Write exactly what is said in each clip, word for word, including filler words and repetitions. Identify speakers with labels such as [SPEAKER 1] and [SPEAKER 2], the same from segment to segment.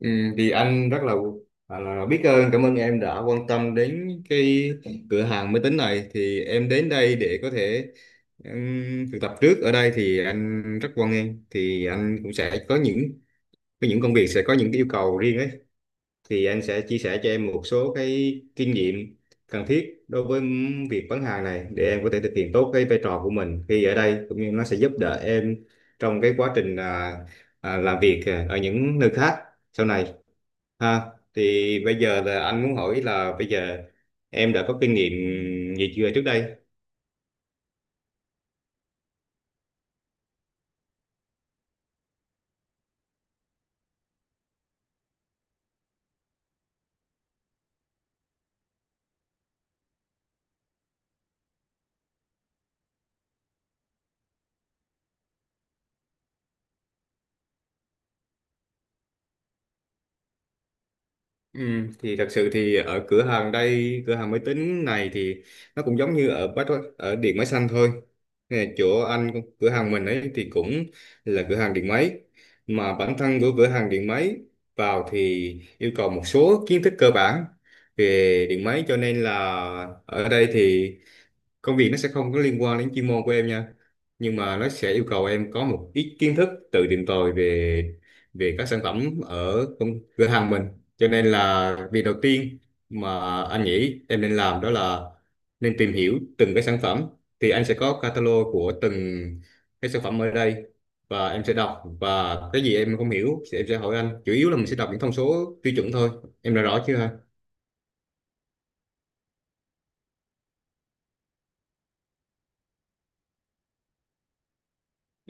[SPEAKER 1] Ừ, thì anh rất là, là, là biết ơn cảm ơn em đã quan tâm đến cái cửa hàng máy tính này. Thì em đến đây để có thể ừm, thực tập trước ở đây thì anh rất hoan nghênh. Thì anh cũng sẽ có những có những công việc, sẽ có những cái yêu cầu riêng ấy, thì anh sẽ chia sẻ cho em một số cái kinh nghiệm cần thiết đối với việc bán hàng này để em có thể thực hiện tốt cái vai trò của mình khi ở đây, cũng như nó sẽ giúp đỡ em trong cái quá trình à, à, làm việc à, ở những nơi khác sau này ha. Thì bây giờ là anh muốn hỏi là bây giờ em đã có kinh nghiệm gì chưa trước đây. ừ, thì thật sự thì ở cửa hàng đây, cửa hàng máy tính này thì nó cũng giống như ở bách ở điện máy xanh thôi. Nè, chỗ anh, cửa hàng mình ấy thì cũng là cửa hàng điện máy, mà bản thân của cửa hàng điện máy vào thì yêu cầu một số kiến thức cơ bản về điện máy. Cho nên là ở đây thì công việc nó sẽ không có liên quan đến chuyên môn của em nha, nhưng mà nó sẽ yêu cầu em có một ít kiến thức tự tìm tòi về về các sản phẩm ở công- cửa hàng mình. Cho nên là việc đầu tiên mà anh nghĩ em nên làm đó là nên tìm hiểu từng cái sản phẩm. Thì anh sẽ có catalog của từng cái sản phẩm ở đây, và em sẽ đọc, và cái gì em không hiểu thì em sẽ hỏi anh. Chủ yếu là mình sẽ đọc những thông số tiêu chuẩn thôi. Em đã rõ chưa?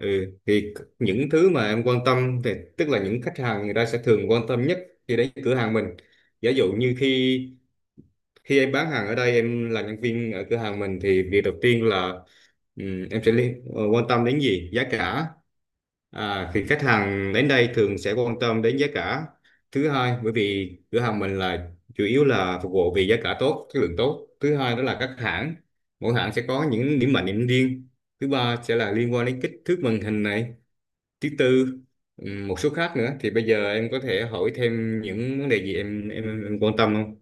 [SPEAKER 1] Ừ, thì c- những thứ mà em quan tâm thì tức là những khách hàng người ta sẽ thường quan tâm nhất khi đến cửa hàng mình. Giả dụ như khi khi em bán hàng ở đây, em là nhân viên ở cửa hàng mình, thì việc đầu tiên là ừm, em sẽ liên, ờ, quan tâm đến gì? Giá cả. À, thì khách hàng đến đây thường sẽ quan tâm đến giá cả. Thứ hai, bởi vì cửa hàng mình là chủ yếu là phục vụ vì giá cả tốt, chất lượng tốt. Thứ hai đó là các hãng, mỗi hãng sẽ có những điểm mạnh điểm riêng. Thứ ba sẽ là liên quan đến kích thước màn hình này. Thứ tư, ừm, một số khác nữa. Thì bây giờ em có thể hỏi thêm những vấn đề gì em em, em quan tâm không?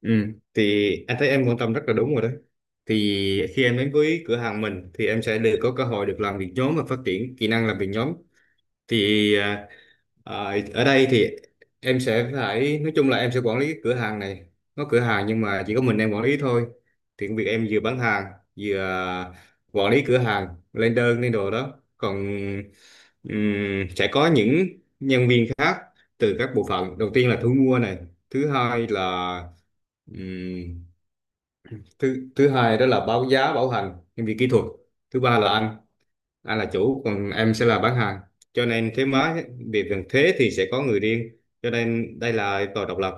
[SPEAKER 1] Ừ. Thì anh thấy em quan tâm rất là đúng rồi đấy. Thì khi em đến với cửa hàng mình thì em sẽ được có cơ hội được làm việc nhóm và phát triển kỹ năng làm việc nhóm. thì à, à, Ở đây thì em sẽ phải, nói chung là em sẽ quản lý cái cửa hàng này. Có cửa hàng nhưng mà chỉ có mình em quản lý thôi. Thì công việc em vừa bán hàng, vừa à, quản lý cửa hàng, lên đơn lên đồ đó. Còn ừm, sẽ có những nhân viên khác từ các bộ phận. Đầu tiên là thu mua này. Thứ hai là, ừm, thứ thứ hai đó là báo giá, bảo hành, nhân viên kỹ thuật. Thứ ba là anh anh là chủ, còn em sẽ là bán hàng. Cho nên thuế má, về phần thuế thì sẽ có người riêng, cho nên đây là tòa độc lập.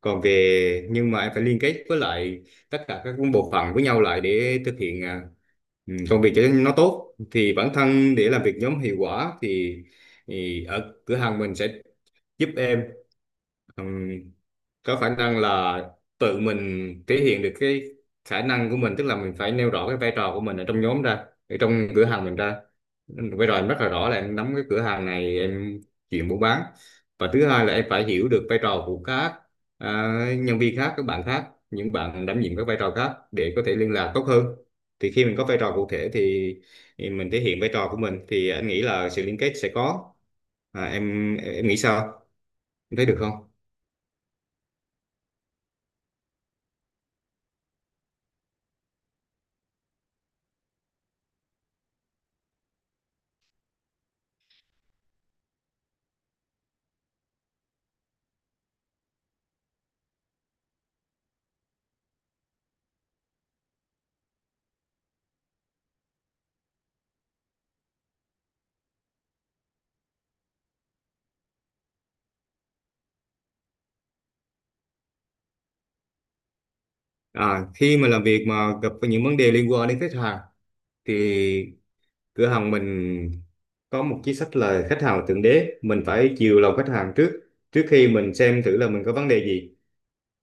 [SPEAKER 1] Còn về, nhưng mà em phải liên kết với lại tất cả các bộ phận với nhau lại để thực hiện à, ừ, công việc cho nó tốt. Thì bản thân để làm việc nhóm hiệu quả thì, thì ở cửa hàng mình sẽ giúp em Ừm, có khả năng là tự mình thể hiện được cái khả năng của mình. Tức là mình phải nêu rõ cái vai trò của mình ở trong nhóm ra, ở trong cửa hàng mình ra. Vai trò em rất là rõ là em nắm cái cửa hàng này, em chuyện buôn bán. Và thứ hai là em phải hiểu được vai trò của các à, nhân viên khác, các bạn khác, những bạn đảm nhiệm các vai trò khác để có thể liên lạc tốt hơn. Thì khi mình có vai trò cụ thể thì, thì mình thể hiện vai trò của mình, thì anh nghĩ là sự liên kết sẽ có. À, em em nghĩ sao? Em thấy được không? À, khi mà làm việc mà gặp phải những vấn đề liên quan đến khách hàng thì cửa hàng mình có một chính sách là khách hàng là thượng đế, mình phải chiều lòng khách hàng trước, trước khi mình xem thử là mình có vấn đề gì.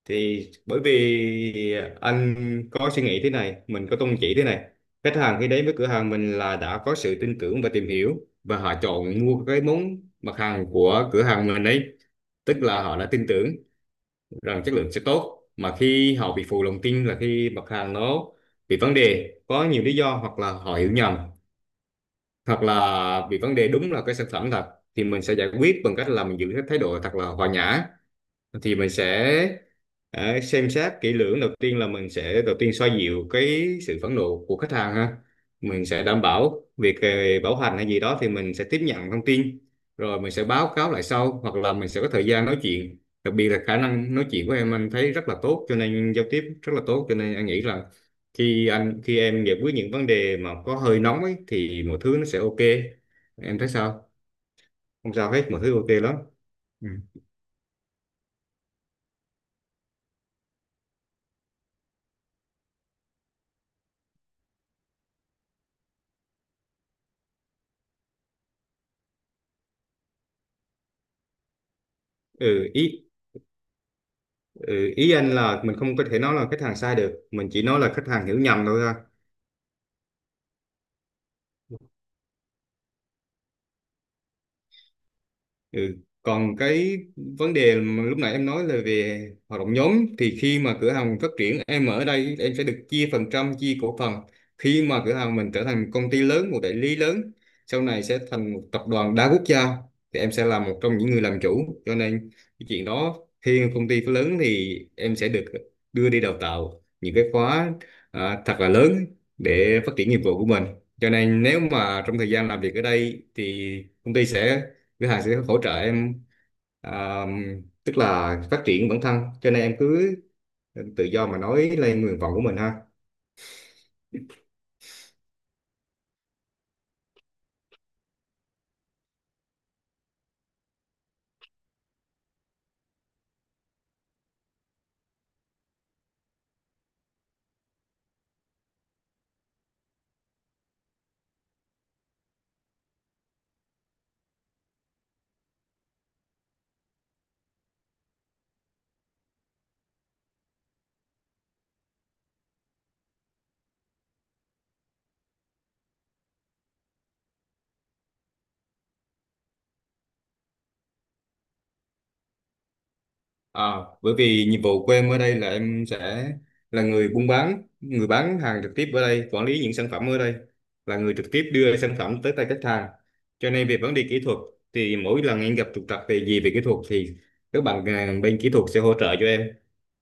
[SPEAKER 1] Thì bởi vì anh có suy nghĩ thế này, mình có tôn chỉ thế này: khách hàng khi đến với cửa hàng mình là đã có sự tin tưởng và tìm hiểu, và họ chọn mua cái món mặt hàng của cửa hàng mình ấy, tức là họ đã tin tưởng rằng chất lượng sẽ tốt. Mà khi họ bị phụ lòng tin là khi mặt hàng nó bị vấn đề, có nhiều lý do, hoặc là họ hiểu nhầm, hoặc là bị vấn đề đúng là cái sản phẩm thật. Thì mình sẽ giải quyết bằng cách là mình giữ cái thái độ thật là hòa nhã. Thì mình sẽ ờ, xem xét kỹ lưỡng. Đầu tiên là mình sẽ đầu tiên xoa dịu cái sự phẫn nộ của khách hàng ha. Mình sẽ đảm bảo việc ờ, bảo hành hay gì đó, thì mình sẽ tiếp nhận thông tin rồi mình sẽ báo cáo lại sau, hoặc là mình sẽ có thời gian nói chuyện. Đặc biệt là khả năng nói chuyện của em anh thấy rất là tốt, cho nên giao tiếp rất là tốt, cho nên anh nghĩ là khi anh khi em giải quyết những vấn đề mà có hơi nóng ấy thì mọi thứ nó sẽ ok. Em thấy sao? Không sao hết, mọi thứ ok lắm. ừ, Ừ, ý Ừ, ý anh là mình không có thể nói là khách hàng sai được, mình chỉ nói là khách hàng hiểu nhầm thôi ha. Ừ. Còn cái vấn đề mà lúc nãy em nói là về hoạt động nhóm, thì khi mà cửa hàng mình phát triển, em ở đây em sẽ được chia phần trăm, chia cổ phần. Khi mà cửa hàng mình trở thành công ty lớn, một đại lý lớn, sau này sẽ thành một tập đoàn đa quốc gia, thì em sẽ là một trong những người làm chủ. Cho nên cái chuyện đó, khi công ty lớn thì em sẽ được đưa đi đào tạo những cái khóa à, thật là lớn để phát triển nghiệp vụ của mình. Cho nên nếu mà trong thời gian làm việc ở đây thì công ty sẽ, thứ hai sẽ hỗ trợ em, à, tức là phát triển bản thân. Cho nên em cứ tự do mà nói lên nguyện vọng của mình ha. À, bởi vì nhiệm vụ của em ở đây là em sẽ là người buôn bán, người bán hàng trực tiếp ở đây, quản lý những sản phẩm ở đây, là người trực tiếp đưa sản phẩm tới tay khách hàng. Cho nên về vấn đề kỹ thuật thì mỗi lần em gặp trục trặc về gì về kỹ thuật thì các bạn à, bên kỹ thuật sẽ hỗ trợ cho em.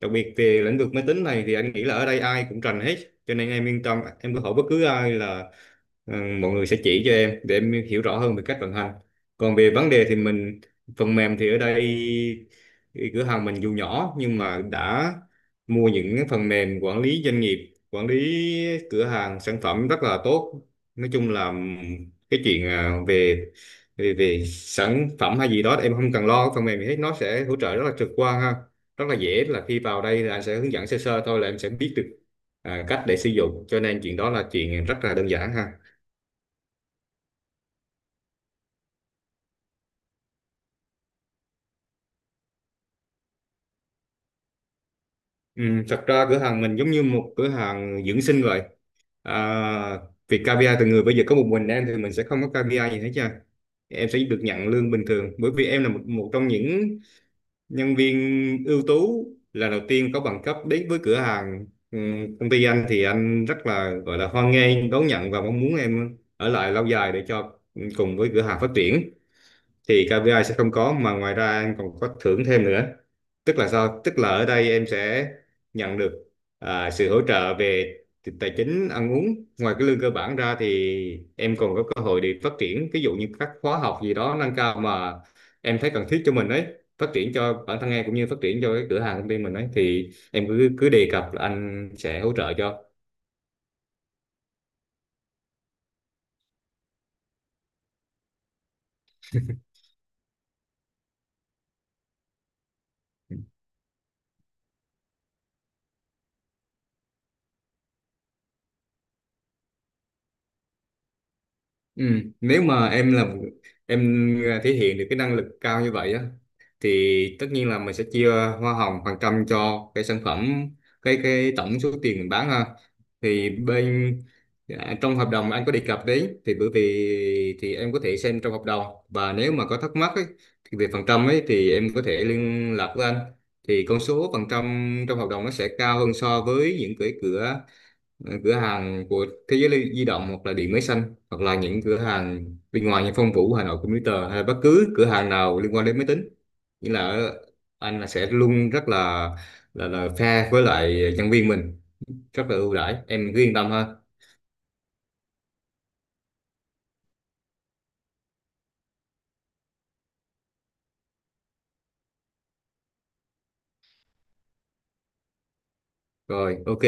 [SPEAKER 1] Đặc biệt về lĩnh vực máy tính này thì anh nghĩ là ở đây ai cũng rành hết, cho nên em yên tâm, em có hỏi bất cứ ai là ừ, mọi người sẽ chỉ cho em để em hiểu rõ hơn về cách vận hành. Còn về vấn đề thì mình phần mềm thì ở đây cửa hàng mình dù nhỏ nhưng mà đã mua những cái phần mềm quản lý doanh nghiệp, quản lý cửa hàng sản phẩm rất là tốt. Nói chung là cái chuyện à, về về về sản phẩm hay gì đó em không cần lo, cái phần mềm gì hết nó sẽ hỗ trợ rất là trực quan ha, rất là dễ. Là khi vào đây là anh sẽ hướng dẫn sơ sơ thôi là em sẽ biết được à, cách để sử dụng, cho nên chuyện đó là chuyện rất là đơn giản ha. Ừ, thật ra cửa hàng mình giống như một cửa hàng dưỡng sinh vậy. à, Việc ca pê i từ người, bây giờ có một mình em thì mình sẽ không có ca pê i gì hết trơn. Em sẽ được nhận lương bình thường, bởi vì em là một, một trong những nhân viên ưu tú lần đầu tiên có bằng cấp đến với cửa hàng. ừ, Công ty anh thì anh rất là, gọi là hoan nghênh, đón nhận và mong muốn em ở lại lâu dài để cho cùng với cửa hàng phát triển. Thì ca pê i sẽ không có, mà ngoài ra em còn có thưởng thêm nữa. Tức là sao, tức là ở đây em sẽ nhận được à, sự hỗ trợ về tài chính, ăn uống. Ngoài cái lương cơ bản ra thì em còn có cơ hội để phát triển, ví dụ như các khóa học gì đó nâng cao mà em thấy cần thiết cho mình ấy, phát triển cho bản thân em cũng như phát triển cho cái cửa hàng công ty mình ấy, thì em cứ cứ đề cập là anh sẽ hỗ trợ cho. Ừ. Nếu mà em là một- em thể hiện được cái năng lực cao như vậy á, thì tất nhiên là mình sẽ chia hoa hồng phần trăm cho cái sản phẩm, cái cái tổng số tiền mình bán ha. thì bên à, Trong hợp đồng anh có đề cập đấy. Thì bởi vì thì em có thể xem trong hợp đồng, và nếu mà có thắc mắc ấy, thì về phần trăm ấy thì em có thể liên lạc với anh. Thì con số phần trăm trong hợp đồng nó sẽ cao hơn so với những cái cửa Ờ, cửa hàng của Thế Giới Di Động, hoặc là Điện Máy Xanh, hoặc là những cửa hàng bên ngoài như Phong Vũ, Hà Nội Computer, hay là bất cứ cửa hàng nào liên quan đến máy tính. nghĩa là ở- anh là sẽ luôn rất là là là fair với lại nhân viên mình, rất là ưu đãi. Em cứ yên tâm ha. Rồi, ok.